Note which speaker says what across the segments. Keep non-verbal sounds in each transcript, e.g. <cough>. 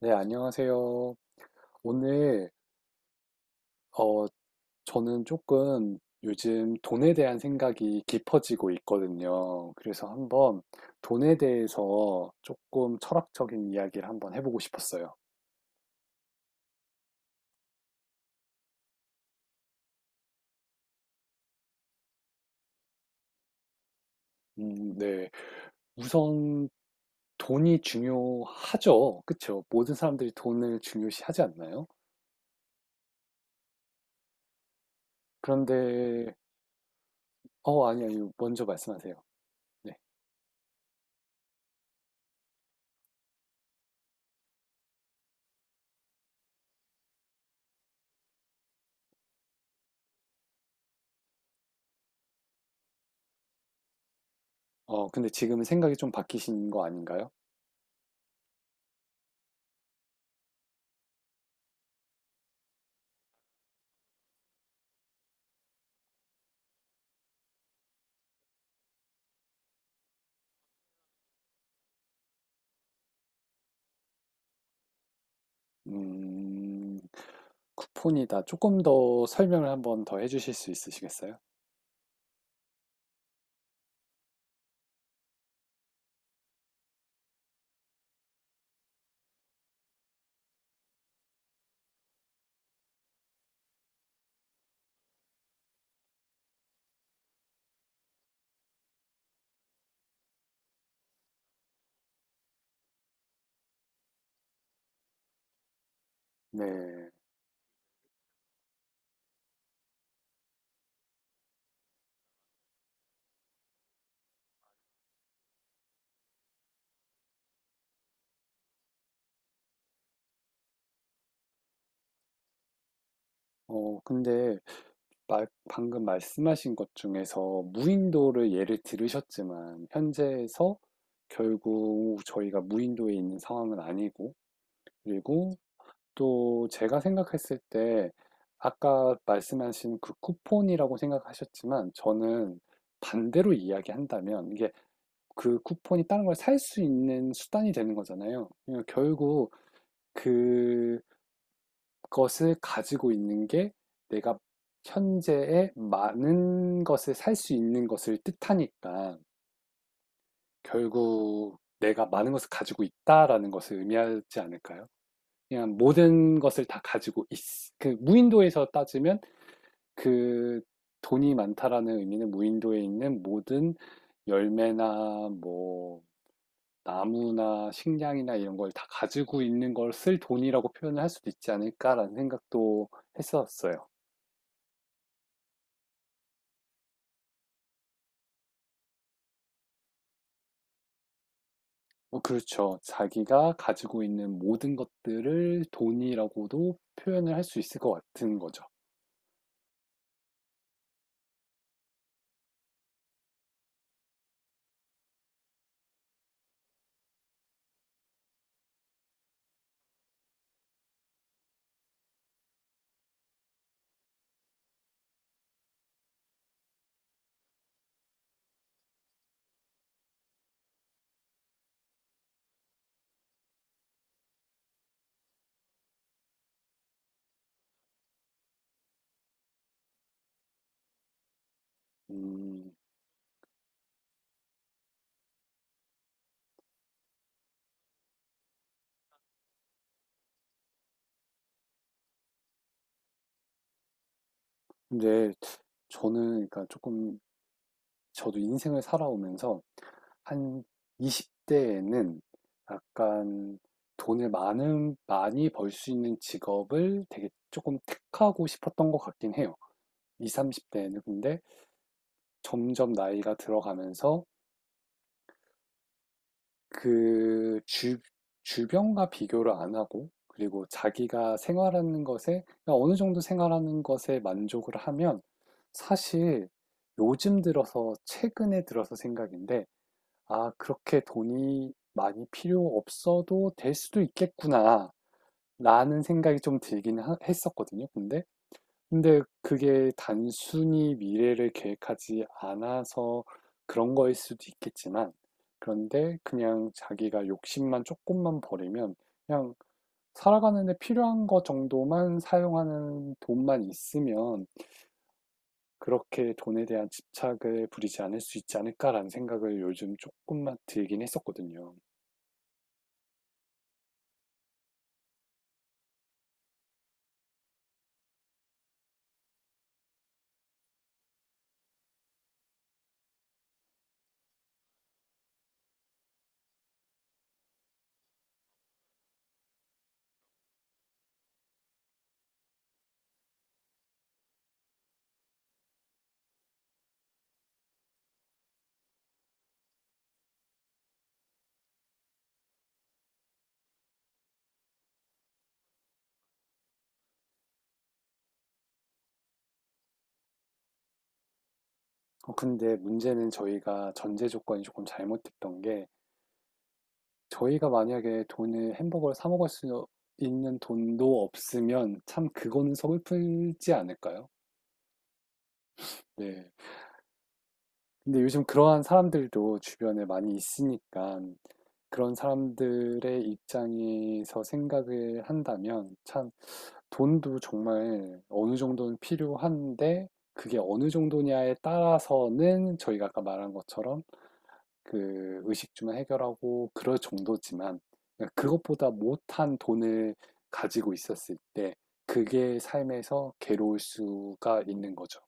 Speaker 1: 네, 안녕하세요. 오늘, 어, 저는 조금 요즘 돈에 대한 생각이 깊어지고 있거든요. 그래서 한번 돈에 대해서 조금 철학적인 이야기를 한번 해보고 싶었어요. 네. 우선 돈이 중요하죠. 그쵸? 모든 사람들이 돈을 중요시하지 않나요? 그런데, 아니, 아니, 먼저 말씀하세요. 네. 근데 지금 생각이 좀 바뀌신 거 아닌가요? 음, 쿠폰이다. 조금 더 설명을 한번 더 해주실 수 있으시겠어요? 네. 근데 방금 말씀하신 것 중에서 무인도를 예를 들으셨지만 현재에서 결국 저희가 무인도에 있는 상황은 아니고 그리고 또 제가 생각했을 때 아까 말씀하신 그 쿠폰이라고 생각하셨지만 저는 반대로 이야기한다면 이게 그 쿠폰이 다른 걸 살 수 있는 수단이 되는 거잖아요. 그러니까 결국 그것을 가지고 있는 게 내가 현재의 많은 것을 살 수 있는 것을 뜻하니까 결국 내가 많은 것을 가지고 있다라는 것을 의미하지 않을까요? 그냥 모든 것을 다 가지고 있, 그 무인도에서 따지면 그 돈이 많다라는 의미는 무인도에 있는 모든 열매나 뭐 나무나 식량이나 이런 걸 다 가지고 있는 걸 쓸 돈이라고 표현을 할 수도 있지 않을까라는 생각도 했었어요. 그렇죠. 자기가 가지고 있는 모든 것들을 돈이라고도 표현을 할 수 있을 것 같은 거죠. 음, 근데 저는 그러니까 조금 저도 인생을 살아오면서 한 20대에는 약간 돈을 많이 벌 수 있는 직업을 되게 조금 택하고 싶었던 것 같긴 해요. 20, 30대에는 근데 점점 나이가 들어가면서 그 주변과 비교를 안 하고 그리고 자기가 생활하는 것에 그러니까 어느 정도 생활하는 것에 만족을 하면 사실 요즘 들어서 최근에 들어서 생각인데 아, 그렇게 돈이 많이 필요 없어도 될 수도 있겠구나 라는 생각이 좀 들긴 했었거든요. 근데 그게 단순히 미래를 계획하지 않아서 그런 거일 수도 있겠지만, 그런데 그냥 자기가 욕심만 조금만 버리면, 그냥 살아가는 데 필요한 거 정도만 사용하는 돈만 있으면, 그렇게 돈에 대한 집착을 부리지 않을 수 있지 않을까라는 생각을 요즘 조금만 들긴 했었거든요. 근데 문제는 저희가 전제 조건이 조금 잘못됐던 게, 저희가 만약에 돈을 햄버거를 사 먹을 수 있는 돈도 없으면 참 그거는 서글프지 않을까요? 네. 근데 요즘 그러한 사람들도 주변에 많이 있으니까 그런 사람들의 입장에서 생각을 한다면 참 돈도 정말 어느 정도는 필요한데 그게 어느 정도냐에 따라서는 저희가 아까 말한 것처럼 그 의식주만 해결하고 그럴 정도지만 그것보다 못한 돈을 가지고 있었을 때 그게 삶에서 괴로울 수가 있는 거죠.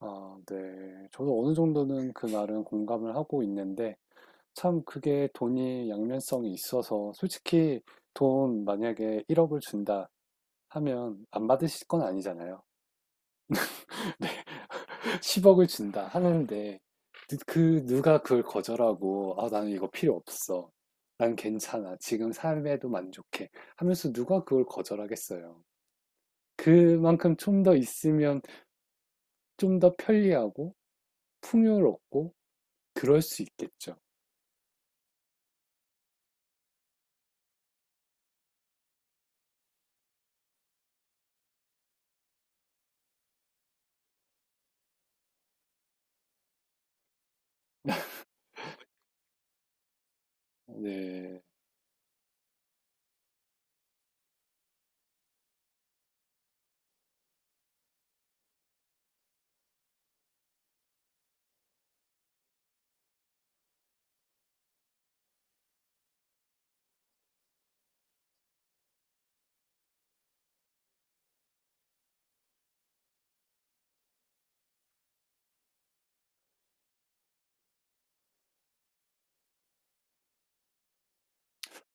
Speaker 1: 아, 네. 저도 어느 정도는 그 말은 공감을 하고 있는데 참 그게 돈이 양면성이 있어서 솔직히 돈 만약에 1억을 준다 하면 안 받으실 건 아니잖아요. 10억을 준다 하는데 그 누가 그걸 거절하고 아, 나는 이거 필요 없어. 난 괜찮아. 지금 삶에도 만족해. 하면서 누가 그걸 거절하겠어요. 그만큼 좀 더 있으면 좀 더 편리하고 풍요롭고 그럴 수 있겠죠. 네.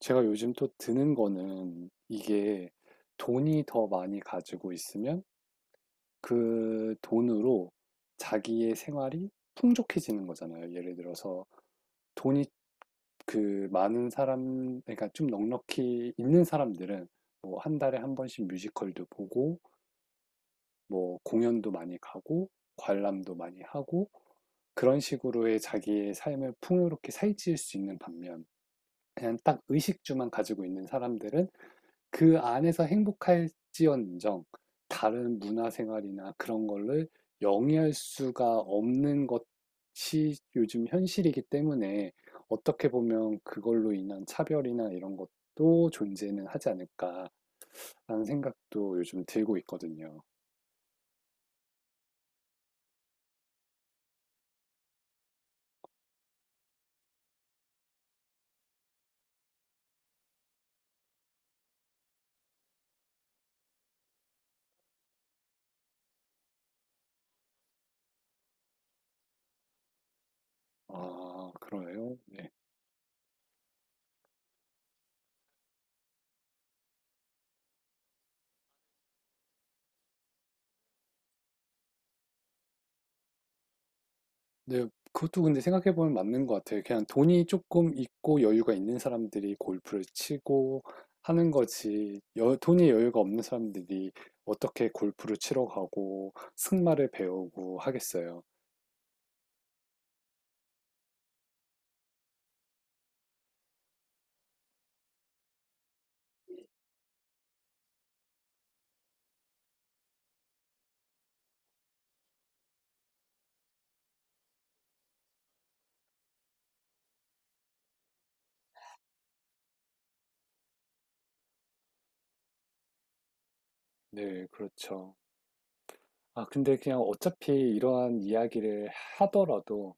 Speaker 1: 제가 요즘 또 드는 거는 이게 돈이 더 많이 가지고 있으면 그 돈으로 자기의 생활이 풍족해지는 거잖아요. 예를 들어서 돈이 그 그러니까 좀 넉넉히 있는 사람들은 뭐 한 달에 한 번씩 뮤지컬도 보고, 뭐 공연도 많이 가고, 관람도 많이 하고, 그런 식으로의 자기의 삶을 풍요롭게 살찌울 수 있는 반면, 그냥 딱 의식주만 가지고 있는 사람들은 그 안에서 행복할지언정 다른 문화생활이나 그런 거를 영위할 수가 없는 것이 요즘 현실이기 때문에 어떻게 보면 그걸로 인한 차별이나 이런 것도 존재는 하지 않을까라는 생각도 요즘 들고 있거든요. 아, 그래요? 네. 네. 그것도 근데 생각해 보면 맞는 것 같아요. 그냥 돈이 조금 있고 여유가 있는 사람들이 골프를 치고 하는 거지 여 돈이 여유가 없는 사람들이 어떻게 골프를 치러 가고 승마를 배우고 하겠어요. 네, 그렇죠. 아, 근데 그냥 어차피 이러한 이야기를 하더라도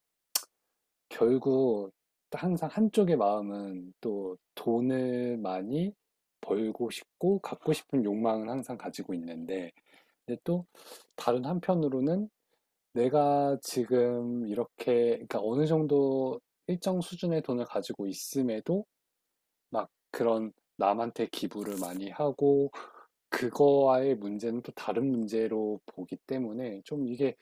Speaker 1: 결국 항상 한쪽의 마음은 또 돈을 많이 벌고 싶고 갖고 싶은 욕망을 항상 가지고 있는데 근데 또 다른 한편으로는 내가 지금 이렇게, 그러니까 어느 정도 일정 수준의 돈을 가지고 있음에도 막 그런 남한테 기부를 많이 하고 그거와의 문제는 또 다른 문제로 보기 때문에 좀 이게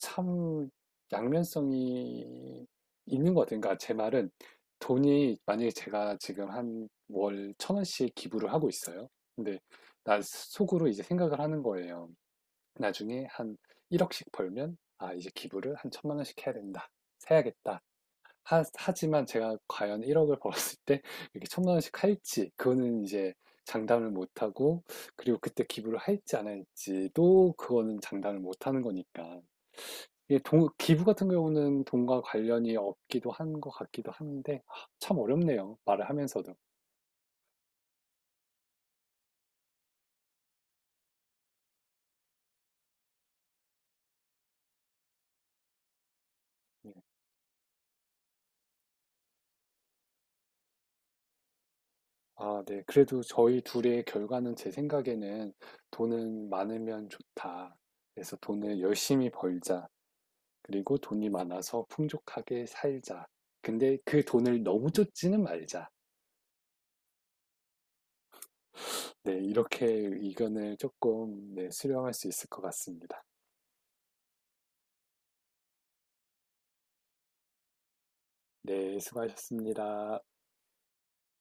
Speaker 1: 참 양면성이 있는 것 같아요. 그러니까 제 말은 돈이 만약에 제가 지금 한 월 1,000원씩 기부를 하고 있어요. 근데 나 속으로 이제 생각을 하는 거예요. 나중에 한 1억씩 벌면 아 이제 기부를 한 1,000만 원씩 해야 된다 해야겠다 하, 지만 제가 과연 1억을 <laughs> 벌었을 때 이렇게 천만 원씩 할지 그거는 이제 장담을 못하고 그리고 그때 기부를 할지 안 할지도 그거는 장담을 못하는 거니까 이게 동 기부 같은 경우는 돈과 관련이 없기도 한 것 같기도 한데 아, 참 어렵네요 말을 하면서도. 네. 아, 네. 그래도 저희 둘의 결과는 제 생각에는 돈은 많으면 좋다. 그래서 돈을 열심히 벌자. 그리고 돈이 많아서 풍족하게 살자. 근데 그 돈을 너무 쫓지는 말자. 네, 이렇게 의견을 조금 네, 수렴할 수 있을 것 같습니다. 네, 수고하셨습니다.